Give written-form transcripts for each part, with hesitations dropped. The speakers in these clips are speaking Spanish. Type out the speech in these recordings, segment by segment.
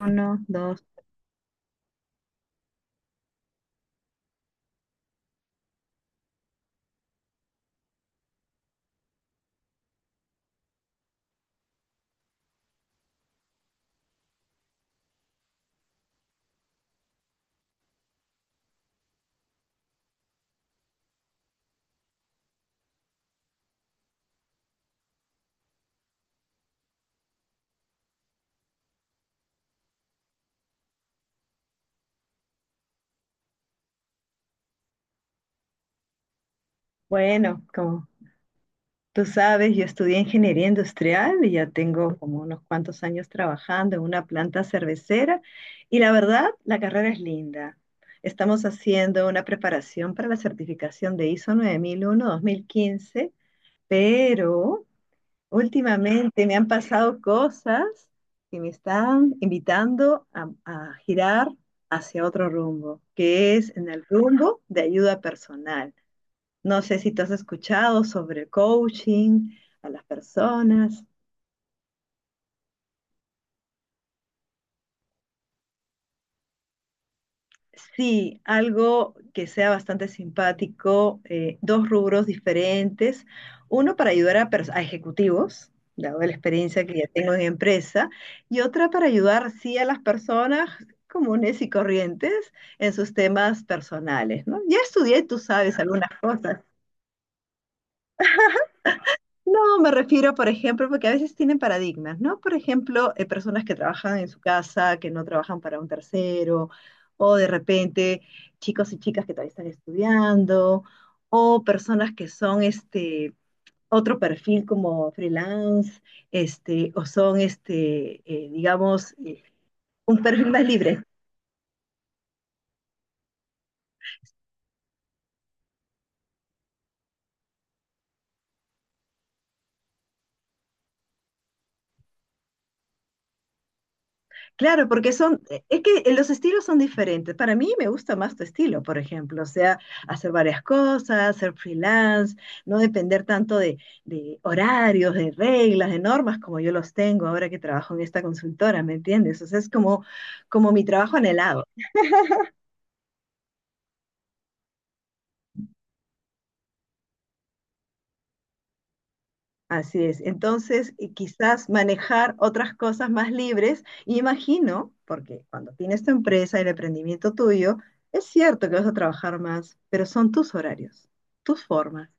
Uno, dos. Bueno, como tú sabes, yo estudié ingeniería industrial y ya tengo como unos cuantos años trabajando en una planta cervecera y la verdad, la carrera es linda. Estamos haciendo una preparación para la certificación de ISO 9001:2015, pero últimamente me han pasado cosas que me están invitando a, girar hacia otro rumbo, que es en el rumbo de ayuda personal. No sé si tú has escuchado sobre el coaching a las personas. Sí, algo que sea bastante simpático, dos rubros diferentes. Uno para ayudar a, a ejecutivos, dado la experiencia que ya tengo en empresa, y otra para ayudar, sí, a las personas comunes y corrientes en sus temas personales, ¿no? Ya estudié, tú sabes, algunas cosas. No, me refiero, por ejemplo, porque a veces tienen paradigmas, ¿no? Por ejemplo, personas que trabajan en su casa, que no trabajan para un tercero, o de repente chicos y chicas que todavía están estudiando, o personas que son este otro perfil como freelance, este, o son este, digamos, un perfil más libre. Claro, porque son, es que los estilos son diferentes. Para mí me gusta más tu estilo, por ejemplo, o sea, hacer varias cosas, ser freelance, no depender tanto de, horarios, de reglas, de normas como yo los tengo ahora que trabajo en esta consultora, ¿me entiendes? O sea, es como, como mi trabajo anhelado. Así es. Entonces, y quizás manejar otras cosas más libres. Y imagino, porque cuando tienes tu empresa, el emprendimiento tuyo, es cierto que vas a trabajar más, pero son tus horarios, tus formas.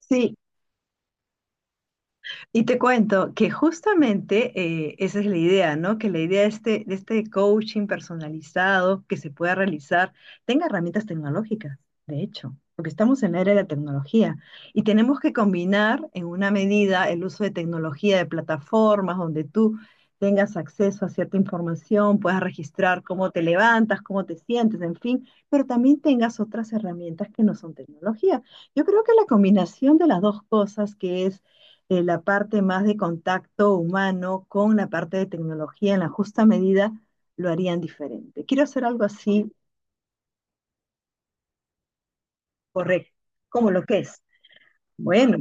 Sí, y te cuento que justamente esa es la idea, ¿no? Que la idea de este coaching personalizado que se pueda realizar tenga herramientas tecnológicas, de hecho, porque estamos en la era de la tecnología y tenemos que combinar en una medida el uso de tecnología, de plataformas donde tú tengas acceso a cierta información, puedas registrar cómo te levantas, cómo te sientes, en fin, pero también tengas otras herramientas que no son tecnología. Yo creo que la combinación de las dos cosas, que es la parte más de contacto humano con la parte de tecnología en la justa medida lo harían diferente. Quiero hacer algo así. Correcto, como lo que es. Bueno,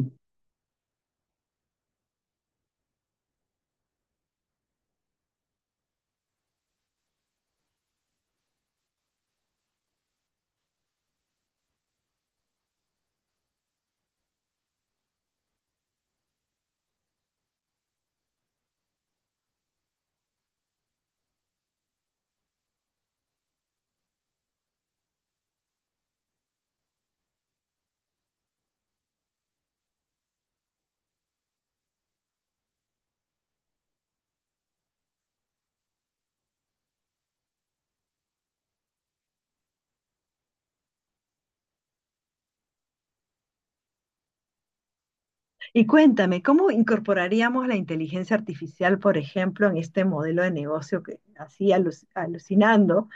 y cuéntame, ¿cómo incorporaríamos la inteligencia artificial, por ejemplo, en este modelo de negocio que así alucinando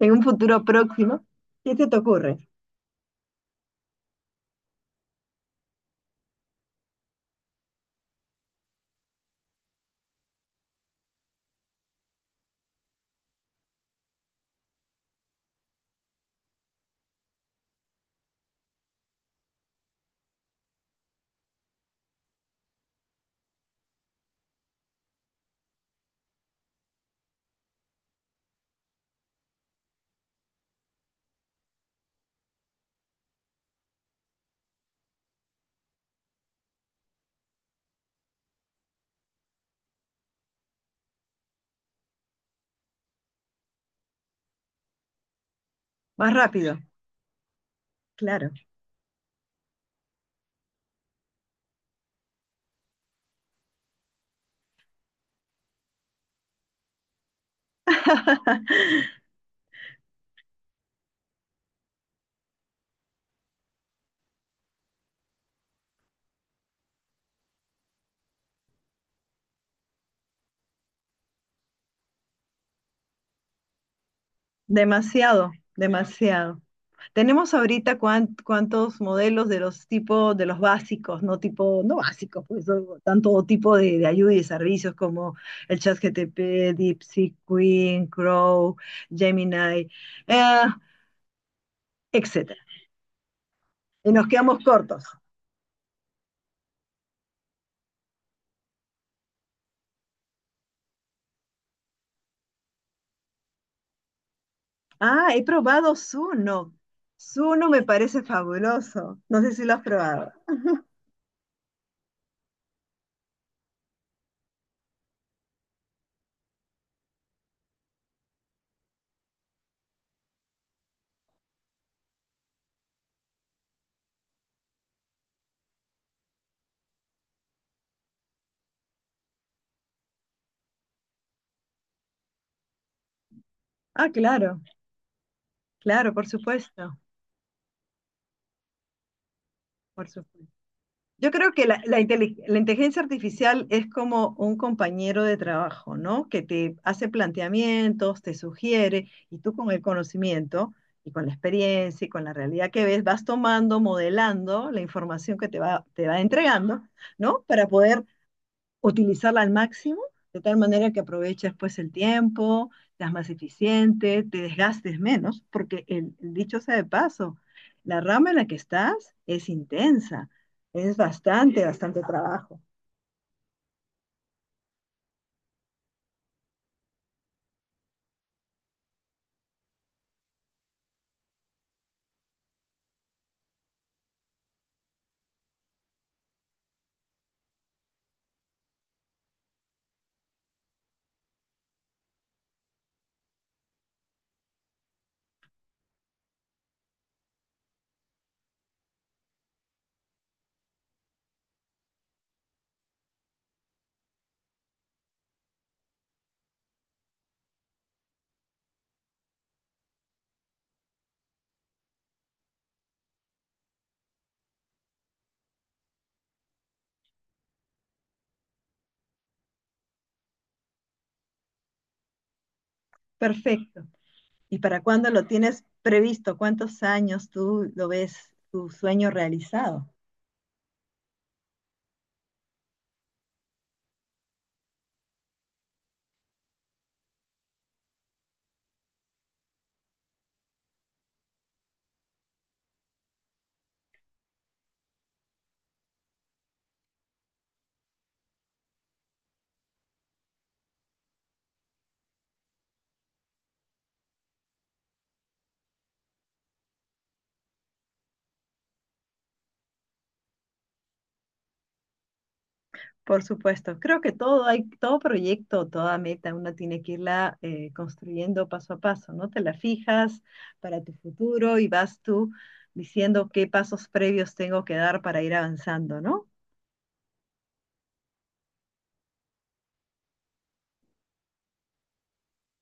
en un futuro próximo? ¿Qué se te ocurre? Más rápido, claro. Demasiado, demasiado. Tenemos ahorita cuántos modelos de los tipos, de los básicos, no tipo, no básicos, pues o- tanto tipo de ayuda y de servicios como el ChatGTP, DeepSeek, Queen, Crow, Gemini, eh, etcétera. Y nos quedamos cortos. Ah, he probado Zuno. Zuno me parece fabuloso. No sé si lo has probado. Ah, claro, claro, por supuesto, por supuesto. Yo creo que la inteligencia artificial es como un compañero de trabajo, ¿no? Que te hace planteamientos, te sugiere, y tú con el conocimiento y con la experiencia y con la realidad que ves, vas tomando, modelando la información que te va entregando, ¿no? Para poder utilizarla al máximo, de tal manera que aproveches pues el tiempo, seas más eficiente, te desgastes menos, porque el dicho sea de paso, la rama en la que estás es intensa, es bastante, bastante trabajo. Perfecto. ¿Y para cuándo lo tienes previsto? ¿Cuántos años tú lo ves tu sueño realizado? Por supuesto, creo que todo hay, todo proyecto, toda meta, una tiene que irla construyendo paso a paso, ¿no? Te la fijas para tu futuro y vas tú diciendo qué pasos previos tengo que dar para ir avanzando, ¿no?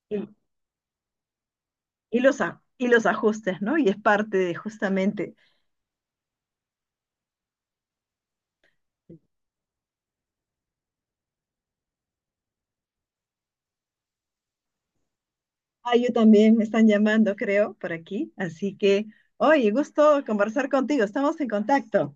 Y, y los ajustes, ¿no? Y es parte de justamente. Ah, yo también me están llamando, creo, por aquí. Así que, oye, gusto conversar contigo. Estamos en contacto.